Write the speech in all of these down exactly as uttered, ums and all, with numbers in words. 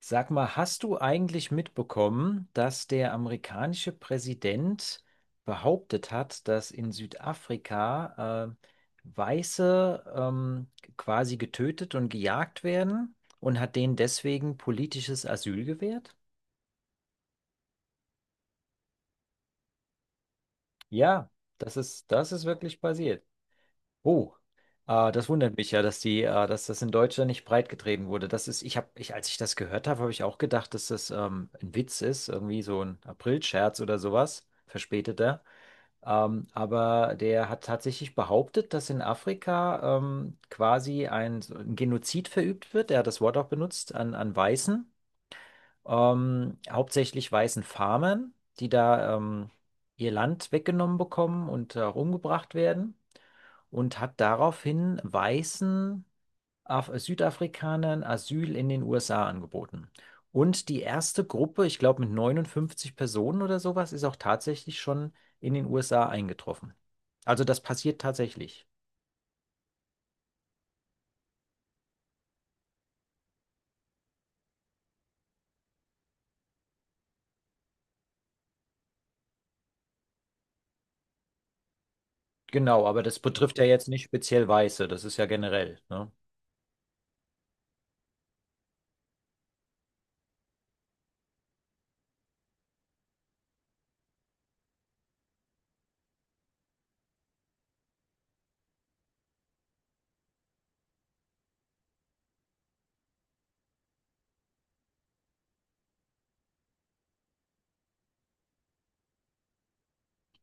Sag mal, hast du eigentlich mitbekommen, dass der amerikanische Präsident behauptet hat, dass in Südafrika äh, Weiße ähm, quasi getötet und gejagt werden und hat denen deswegen politisches Asyl gewährt? Ja, das ist, das ist wirklich passiert. Oh, äh, das wundert mich ja, dass die, äh, dass das in Deutschland nicht breitgetreten wurde. Das ist, ich habe, ich, als ich das gehört habe, habe ich auch gedacht, dass das ähm, ein Witz ist, irgendwie so ein Aprilscherz oder sowas, verspäteter. Ähm, aber der hat tatsächlich behauptet, dass in Afrika ähm, quasi ein, so ein Genozid verübt wird. Er hat das Wort auch benutzt an, an Weißen, ähm, hauptsächlich weißen Farmern, die da ähm, ihr Land weggenommen bekommen und auch umgebracht werden und hat daraufhin weißen Af Südafrikanern Asyl in den U S A angeboten. Und die erste Gruppe, ich glaube mit neunundfünfzig Personen oder sowas, ist auch tatsächlich schon in den U S A eingetroffen. Also das passiert tatsächlich. Genau, aber das betrifft ja jetzt nicht speziell Weiße, das ist ja generell, ne?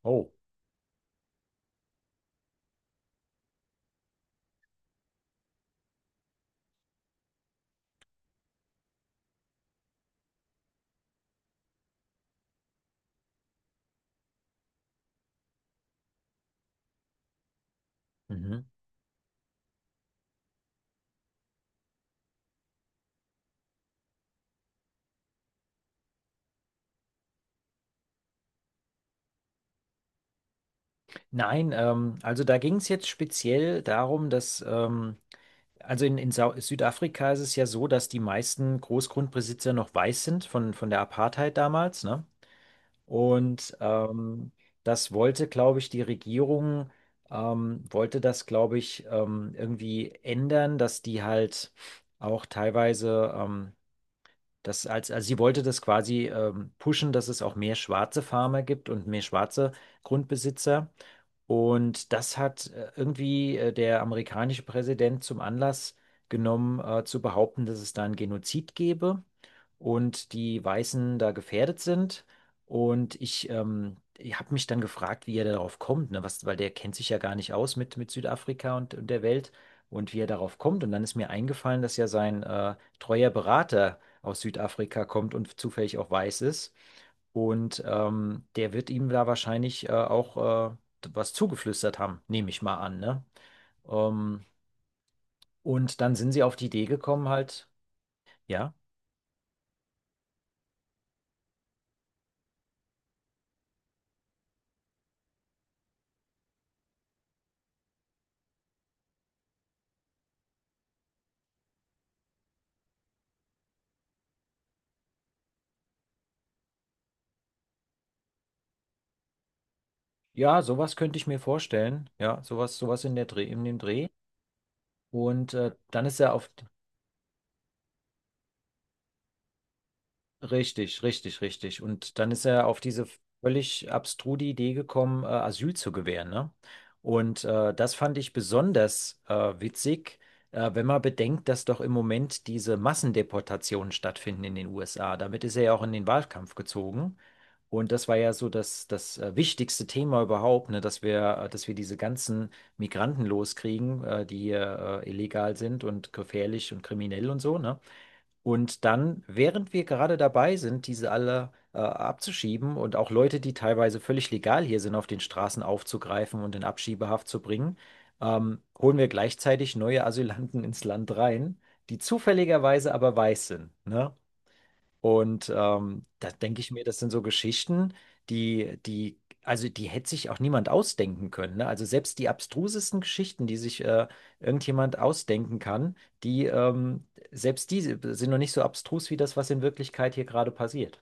Oh. Mhm. Nein, ähm, also da ging es jetzt speziell darum, dass ähm, also in, in Sau Südafrika ist es ja so, dass die meisten Großgrundbesitzer noch weiß sind von, von der Apartheid damals, ne? Und ähm, das wollte, glaube ich, die Regierung, ähm, wollte das, glaube ich, ähm, irgendwie ändern, dass die halt auch teilweise, ähm, das als, also sie wollte das quasi ähm, pushen, dass es auch mehr schwarze Farmer gibt und mehr schwarze Grundbesitzer. Und das hat äh, irgendwie äh, der amerikanische Präsident zum Anlass genommen, äh, zu behaupten, dass es da einen Genozid gebe und die Weißen da gefährdet sind. Und ich, ähm, ich habe mich dann gefragt, wie er darauf kommt, ne? Was, weil der kennt sich ja gar nicht aus mit, mit Südafrika und, und der Welt und wie er darauf kommt. Und dann ist mir eingefallen, dass ja sein äh, treuer Berater aus Südafrika kommt und zufällig auch weiß ist. Und ähm, der wird ihm da wahrscheinlich äh, auch äh, was zugeflüstert haben, nehme ich mal an, ne? Ähm, und dann sind sie auf die Idee gekommen, halt, ja, ja, sowas könnte ich mir vorstellen, ja, sowas, sowas in der Dreh, in dem Dreh. Und äh, dann ist er auf, richtig, richtig, richtig. Und dann ist er auf diese völlig abstruse Idee gekommen, äh, Asyl zu gewähren, ne? Und äh, das fand ich besonders äh, witzig, äh, wenn man bedenkt, dass doch im Moment diese Massendeportationen stattfinden in den U S A. Damit ist er ja auch in den Wahlkampf gezogen. Und das war ja so das, das äh, wichtigste Thema überhaupt, ne? Dass wir, äh, dass wir diese ganzen Migranten loskriegen, äh, die hier äh, illegal sind und gefährlich und kriminell und so, ne? Und dann, während wir gerade dabei sind, diese alle äh, abzuschieben und auch Leute, die teilweise völlig legal hier sind, auf den Straßen aufzugreifen und in Abschiebehaft zu bringen, ähm, holen wir gleichzeitig neue Asylanten ins Land rein, die zufälligerweise aber weiß sind, ne? Und ähm, da denke ich mir, das sind so Geschichten, die, die, also die hätte sich auch niemand ausdenken können. Ne? Also selbst die abstrusesten Geschichten, die sich äh, irgendjemand ausdenken kann, die, ähm, selbst die sind noch nicht so abstrus wie das, was in Wirklichkeit hier gerade passiert.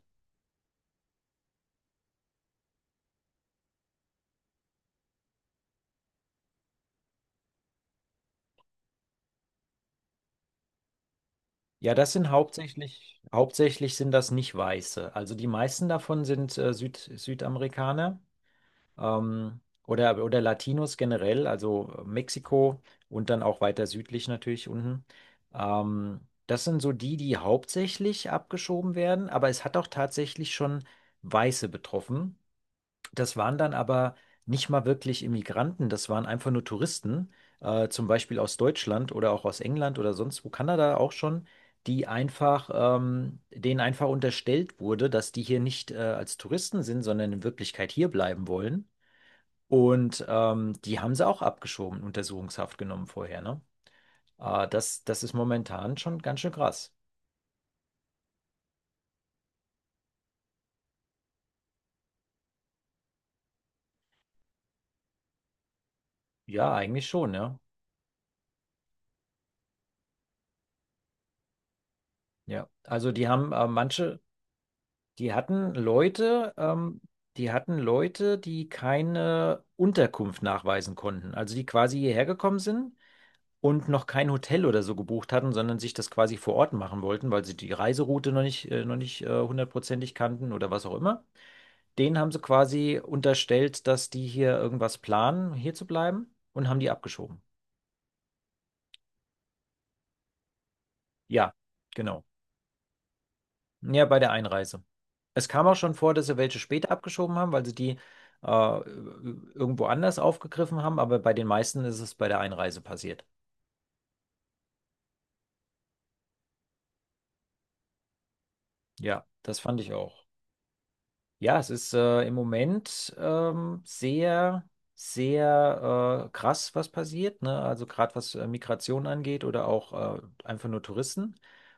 Ja, das sind hauptsächlich, hauptsächlich sind das nicht Weiße. Also die meisten davon sind äh, Süd, Südamerikaner. Ähm, oder, oder Latinos generell, also äh, Mexiko und dann auch weiter südlich natürlich unten. Ähm, das sind so die, die hauptsächlich abgeschoben werden, aber es hat auch tatsächlich schon Weiße betroffen. Das waren dann aber nicht mal wirklich Immigranten, das waren einfach nur Touristen, äh, zum Beispiel aus Deutschland oder auch aus England oder sonst wo, Kanada auch schon, die einfach, ähm, denen einfach unterstellt wurde, dass die hier nicht äh, als Touristen sind, sondern in Wirklichkeit hier bleiben wollen. Und ähm, die haben sie auch abgeschoben, Untersuchungshaft genommen vorher, ne? Äh, das, das ist momentan schon ganz schön krass. Ja, eigentlich schon, ja. Ja, also die haben äh, manche, die hatten Leute, ähm, die hatten Leute, die keine Unterkunft nachweisen konnten. Also die quasi hierher gekommen sind und noch kein Hotel oder so gebucht hatten, sondern sich das quasi vor Ort machen wollten, weil sie die Reiseroute noch nicht, äh, noch nicht äh, hundertprozentig kannten oder was auch immer. Denen haben sie quasi unterstellt, dass die hier irgendwas planen, hier zu bleiben und haben die abgeschoben. Ja, genau. Ja, bei der Einreise. Es kam auch schon vor, dass sie welche später abgeschoben haben, weil sie die äh, irgendwo anders aufgegriffen haben, aber bei den meisten ist es bei der Einreise passiert. Ja, das fand ich auch. Ja, es ist äh, im Moment ähm, sehr, sehr äh, krass, was passiert, ne? Also gerade was äh, Migration angeht oder auch äh, einfach nur Touristen.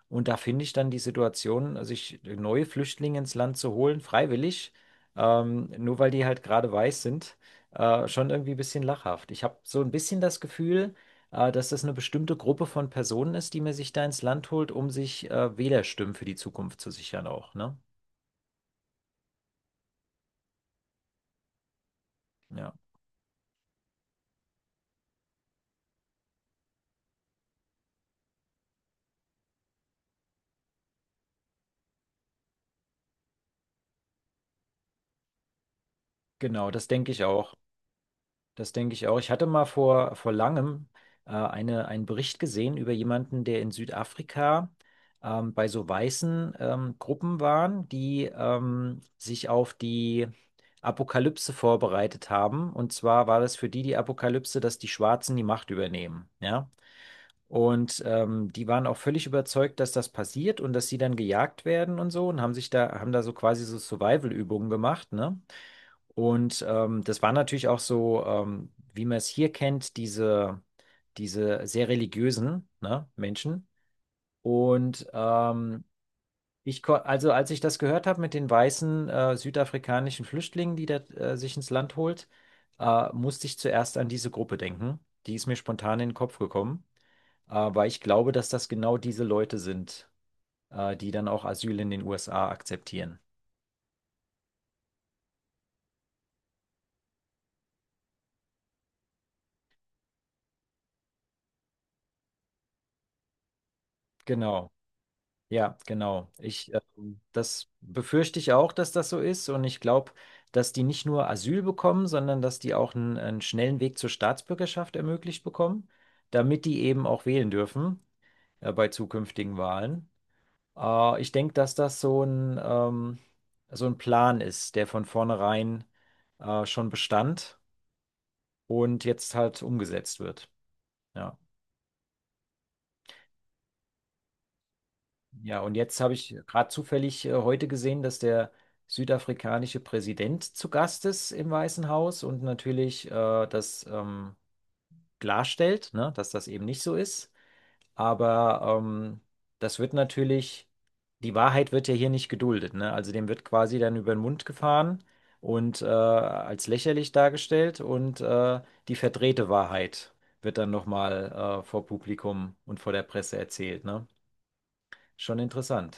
Und da finde ich dann die Situation, sich neue Flüchtlinge ins Land zu holen, freiwillig, ähm, nur weil die halt gerade weiß sind, äh, schon irgendwie ein bisschen lachhaft. Ich habe so ein bisschen das Gefühl, äh, dass das eine bestimmte Gruppe von Personen ist, die man sich da ins Land holt, um sich äh, Wählerstimmen für die Zukunft zu sichern auch, ne? Ja. Genau, das denke ich auch. Das denke ich auch. Ich hatte mal vor, vor langem äh, eine, einen Bericht gesehen über jemanden, der in Südafrika ähm, bei so weißen ähm, Gruppen waren, die ähm, sich auf die Apokalypse vorbereitet haben. Und zwar war das für die die Apokalypse, dass die Schwarzen die Macht übernehmen. Ja. Und ähm, die waren auch völlig überzeugt, dass das passiert und dass sie dann gejagt werden und so und haben sich da, haben da so quasi so Survival-Übungen gemacht, ne? Und ähm, das war natürlich auch so, ähm, wie man es hier kennt, diese, diese sehr religiösen, ne, Menschen. Und ähm, ich, ko- also als ich das gehört habe mit den weißen äh, südafrikanischen Flüchtlingen, die da äh, sich ins Land holt, äh, musste ich zuerst an diese Gruppe denken. Die ist mir spontan in den Kopf gekommen. Aber ich glaube, dass das genau diese Leute sind, äh, die dann auch Asyl in den U S A akzeptieren. Genau. Ja, genau. Ich, ähm, das befürchte ich auch, dass das so ist. Und ich glaube, dass die nicht nur Asyl bekommen, sondern dass die auch einen, einen schnellen Weg zur Staatsbürgerschaft ermöglicht bekommen, damit die eben auch wählen dürfen, äh, bei zukünftigen Wahlen. Äh, ich denke, dass das so ein, ähm, so ein Plan ist, der von vornherein, äh, schon bestand und jetzt halt umgesetzt wird. Ja, ja, und jetzt habe ich gerade zufällig äh, heute gesehen, dass der südafrikanische Präsident zu Gast ist im Weißen Haus und natürlich äh, das ähm, klarstellt, ne, dass das eben nicht so ist. Aber ähm, das wird natürlich, die Wahrheit wird ja hier nicht geduldet, ne? Also dem wird quasi dann über den Mund gefahren und äh, als lächerlich dargestellt und äh, die verdrehte Wahrheit wird dann nochmal äh, vor Publikum und vor der Presse erzählt, ne? Schon interessant.